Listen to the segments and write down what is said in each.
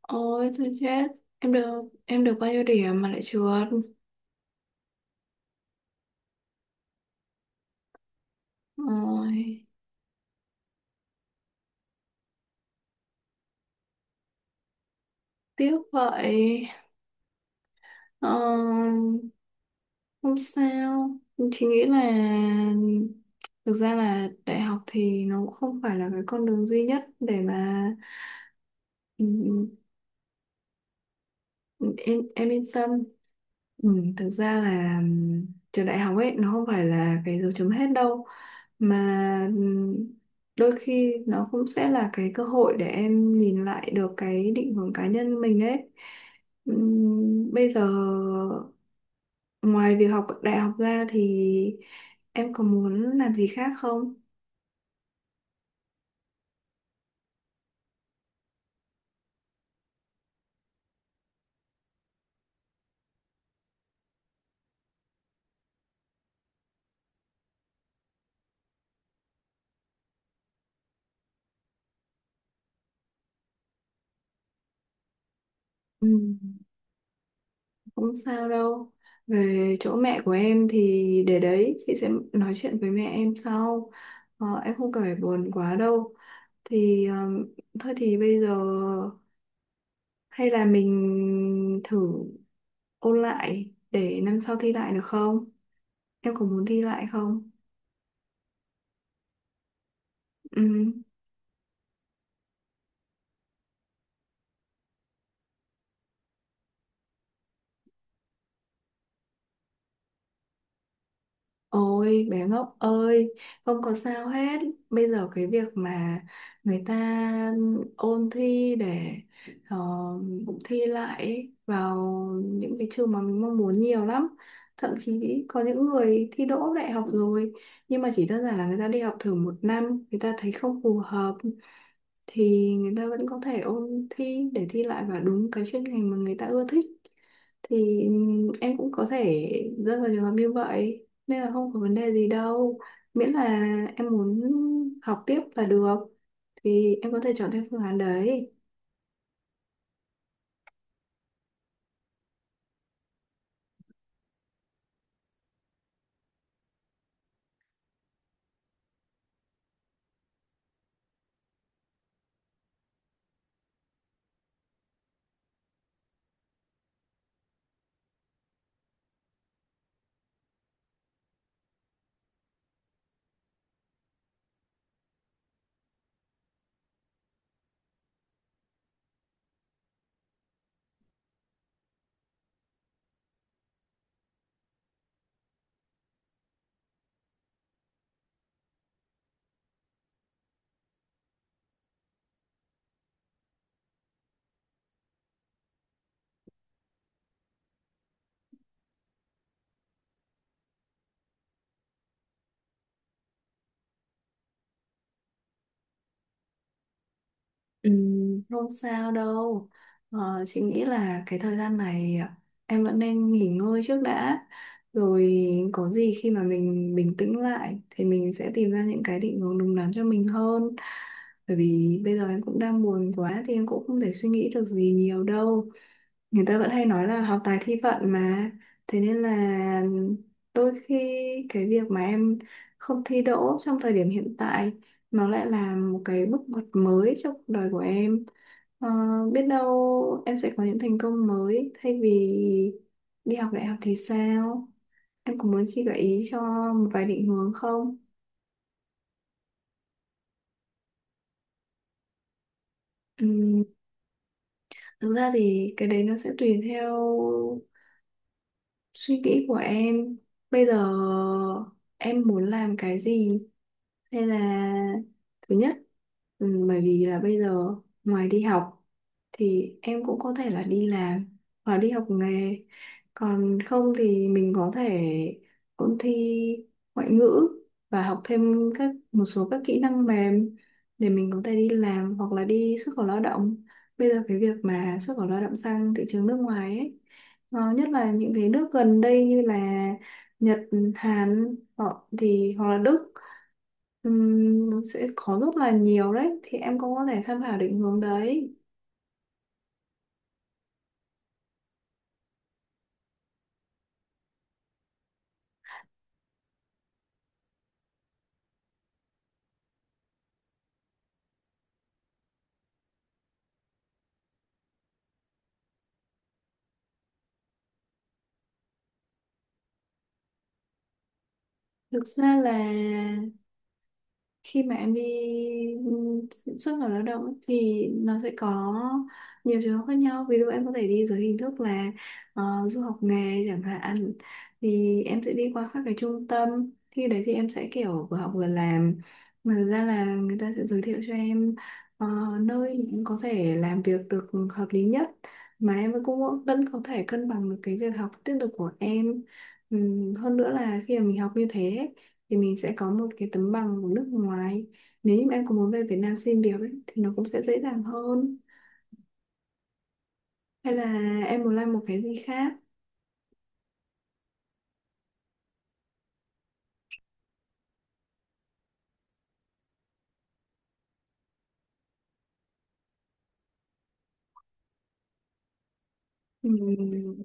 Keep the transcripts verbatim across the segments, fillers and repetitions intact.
Ôi thôi chết! Em được em được bao nhiêu điểm mà lại trượt? Ôi tiếc vậy. ờ, Không sao. Chị nghĩ là thực ra là đại học thì nó cũng không phải là cái con đường duy nhất để mà... ừ, ừ, em em yên tâm. Ừ, Thực ra là ừm, trường đại học ấy nó không phải là cái dấu chấm hết đâu, mà ừm, đôi khi nó cũng sẽ là cái cơ hội để em nhìn lại được cái định hướng cá nhân mình ấy. Ừm, bây giờ ngoài việc học đại học ra thì em có muốn làm gì khác không? Ừ, không sao đâu. Về chỗ mẹ của em thì để đấy, chị sẽ nói chuyện với mẹ em sau. Ờ, em không cần phải buồn quá đâu. Thì um, Thôi thì bây giờ hay là mình thử ôn lại để năm sau thi lại được không? Em có muốn thi lại không? Ừ. Ôi bé ngốc ơi, không có sao hết. Bây giờ cái việc mà người ta ôn thi để ờ, thi lại ấy, vào những cái trường mà mình mong muốn nhiều lắm. Thậm chí có những người thi đỗ đại học rồi nhưng mà chỉ đơn giản là người ta đi học thử một năm, người ta thấy không phù hợp thì người ta vẫn có thể ôn thi để thi lại vào đúng cái chuyên ngành mà người ta ưa thích. Thì ừm, em cũng có thể rơi vào trường hợp như vậy, nên là không có vấn đề gì đâu. Miễn là em muốn học tiếp là được, thì em có thể chọn theo phương án đấy. Ừ, không sao đâu. Ờ, chị nghĩ là cái thời gian này em vẫn nên nghỉ ngơi trước đã. Rồi có gì khi mà mình bình tĩnh lại thì mình sẽ tìm ra những cái định hướng đúng đắn cho mình hơn. Bởi vì bây giờ em cũng đang buồn quá thì em cũng không thể suy nghĩ được gì nhiều đâu. Người ta vẫn hay nói là học tài thi vận mà, thế nên là đôi khi cái việc mà em không thi đỗ trong thời điểm hiện tại nó lại là một cái bước ngoặt mới trong cuộc đời của em. Ờ, biết đâu em sẽ có những thành công mới thay vì đi học đại học thì sao. Em có muốn chị gợi ý cho một vài định hướng không? Ừm, thực ra thì cái đấy nó sẽ tùy theo suy nghĩ của em. Bây giờ em muốn làm cái gì? Hay là thứ nhất, ừ, bởi vì là bây giờ ngoài đi học thì em cũng có thể là đi làm hoặc là đi học nghề. Còn không thì mình có thể ôn thi ngoại ngữ và học thêm các một số các kỹ năng mềm để mình có thể đi làm hoặc là đi xuất khẩu lao động. Bây giờ cái việc mà xuất khẩu lao động sang thị trường nước ngoài ấy, ờ, nhất là những cái nước gần đây như là Nhật, Hàn họ thì hoặc là Đức. Ừm, nó sẽ có rất là nhiều đấy, thì em cũng có thể tham khảo định hướng đấy. Thực ra là khi mà em đi, ừ, xuất khẩu lao động ấy, thì nó sẽ có nhiều trường hợp khác nhau. Ví dụ em có thể đi dưới hình thức là ờ, du học nghề chẳng hạn. Thì em sẽ đi qua các cái trung tâm, khi đấy thì em sẽ kiểu vừa học vừa làm. Mà thực ra là người ta sẽ giới thiệu cho em ờ, nơi em có thể làm việc được hợp lý nhất, mà em cũng vẫn có thể cân bằng được cái việc học tiếp tục của em. Ừm, hơn nữa là khi mà mình học như thế thì mình sẽ có một cái tấm bằng của nước ngoài, nếu như mà em có muốn về Việt Nam xin việc ấy, thì nó cũng sẽ dễ dàng hơn. Hay là em muốn làm một cái gì khác? Ừm,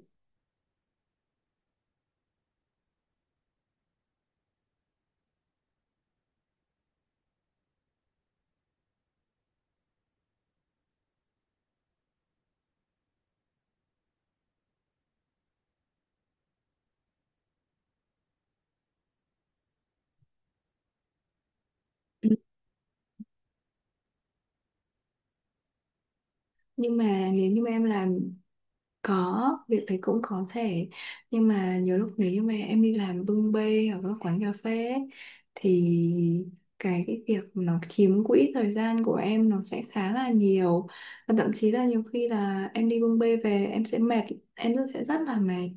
nhưng mà nếu như mà em làm... Có, việc đấy cũng có thể. Nhưng mà nhiều lúc nếu như mà em đi làm bưng bê ở các quán cà phê ấy, thì cái, cái việc nó chiếm quỹ thời gian của em nó sẽ khá là nhiều. Và thậm chí là nhiều khi là em đi bưng bê về em sẽ mệt. Em rất- sẽ rất là mệt.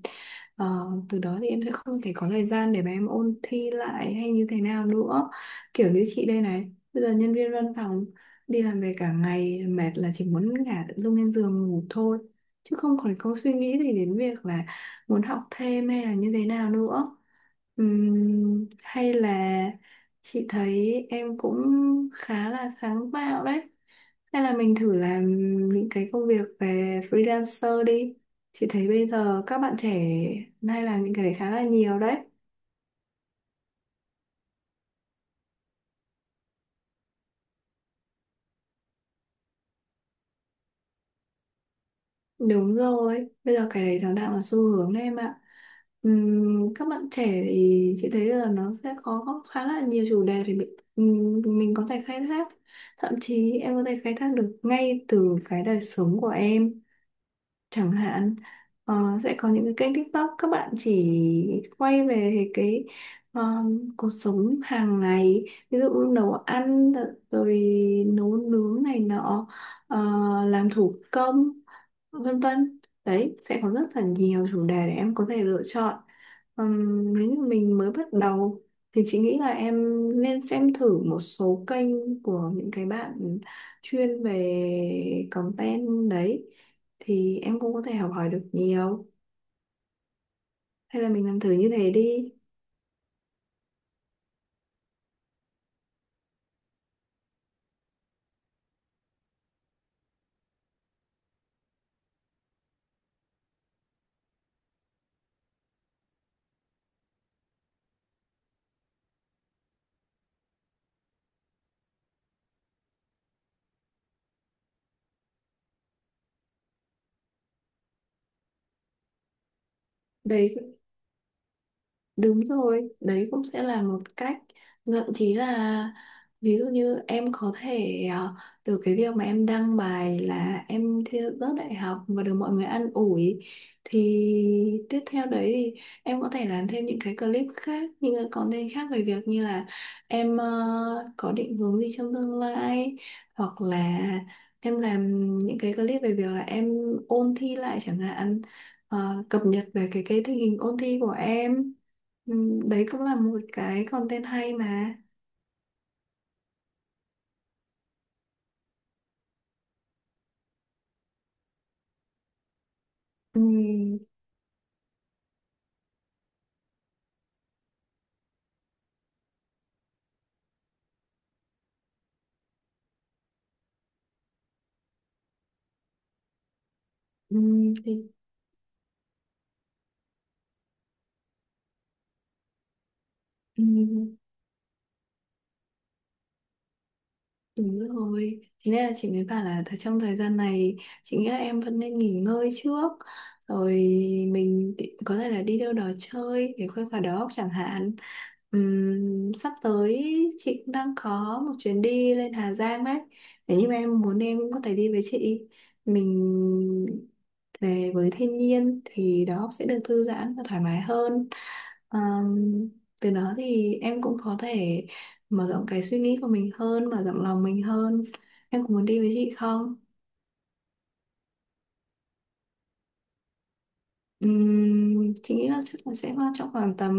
Ờ, từ đó thì em sẽ không thể có thời gian để mà em ôn thi lại hay như thế nào nữa. Kiểu như chị đây này, bây giờ nhân viên văn phòng đi làm về cả ngày mệt là chỉ muốn ngả lưng lên giường ngủ thôi, chứ không còn câu suy nghĩ gì đến việc là muốn học thêm hay là như thế nào nữa. Ừm, hay là... chị thấy em cũng khá là sáng tạo đấy, hay là mình thử làm những cái công việc về freelancer đi. Chị thấy bây giờ các bạn trẻ nay làm những cái đấy khá là nhiều đấy. Đúng rồi, bây giờ cái đấy nó đang là xu hướng đấy em ạ. Ừm, các bạn trẻ thì chị thấy là nó sẽ có khá là nhiều chủ đề để bị- ừm, mình có thể khai thác. Thậm chí em có thể khai thác được ngay từ cái đời sống của em chẳng hạn. Ờ, sẽ có những cái kênh TikTok các bạn chỉ quay về cái ờ, cuộc sống hàng ngày, ví dụ như nấu ăn rồi nấu nướng này nọ, ờ, làm thủ công, vân vân. Đấy sẽ có rất là nhiều chủ đề để em có thể lựa chọn. Ừm, nếu như mình mới bắt đầu thì chị nghĩ là em nên xem thử một số kênh của những cái bạn chuyên về content đấy, thì em cũng có thể học hỏi được nhiều. Hay là mình làm thử như thế đi. Đây, đúng rồi, đấy cũng sẽ là một cách. Thậm chí là ví dụ như em có thể ờ, từ cái việc mà em đăng bài là em thi rớt đại học và được mọi người an ủi, thì tiếp theo đấy thì em có thể làm thêm những cái clip khác, những cái content khác về việc như là em ờ, có định hướng gì trong tương lai, hoặc là em làm những cái clip về việc là em ôn thi lại chẳng hạn. Ờ, cập nhật về cái cái tình hình ôn thi của em. Ừ, đấy cũng là một cái content hay mà. ừ, ừ, thì, ừ, Đúng rồi, thế nên là chị mới bảo là thời trong thời gian này chị nghĩ là em vẫn nên nghỉ ngơi trước. Rồi mình đi- có thể là đi đâu đó chơi để khuây khỏa đầu óc chẳng hạn. Ừm, sắp tới chị cũng đang có một chuyến đi lên Hà Giang đấy, nếu như mà em muốn em cũng có thể đi với chị. Mình về với thiên nhiên thì đầu óc sẽ được thư giãn và thoải mái hơn. Ờm, từ đó thì em cũng có thể mở rộng cái suy nghĩ của mình hơn, mở rộng lòng mình hơn. Em có muốn đi với chị không? Ừm, chị nghĩ là chắc là sẽ vào trong khoảng tầm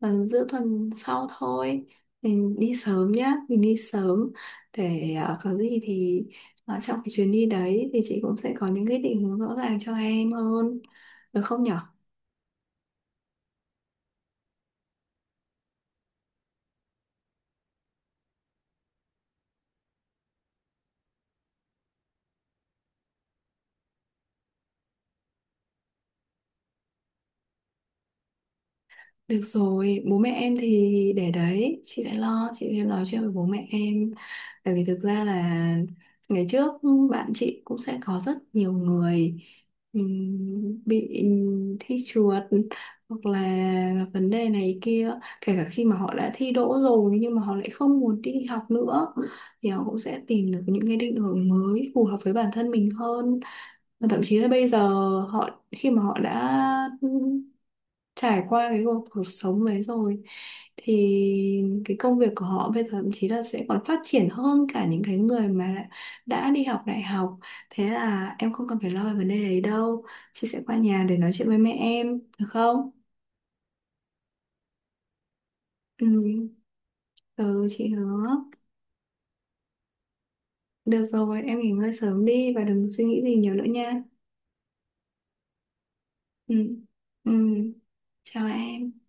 tầm giữa tuần sau thôi. Mình đi sớm nhá, mình đi sớm để ờ, có gì thì ờ, trong cái chuyến đi đấy thì chị cũng sẽ có những cái định hướng rõ ràng cho em hơn, được không nhở? Được rồi, bố mẹ em thì để đấy, chị sẽ lo, chị sẽ nói chuyện với bố mẹ em. Bởi vì thực ra là ngày trước bạn chị cũng sẽ có rất nhiều người ừm, bị thi trượt hoặc là gặp vấn đề này kia, kể cả khi mà họ đã thi đỗ rồi nhưng mà họ lại không muốn đi học nữa, thì họ cũng sẽ tìm được những cái định hướng mới phù hợp với bản thân mình hơn. Và thậm chí là bây giờ họ, khi mà họ đã trải qua cái cuộc cuộc sống đấy rồi, thì cái công việc của họ bây giờ thậm chí là sẽ còn phát triển hơn cả những cái người mà đã, đã đi học đại học. Thế là em không cần phải lo về vấn đề đấy đâu. Chị sẽ qua nhà để nói chuyện với mẹ em được không? ừ, ừ, chị hứa. Được rồi, em nghỉ ngơi sớm đi và đừng suy nghĩ gì nhiều nữa nha. Ừ. ừ. Chào em.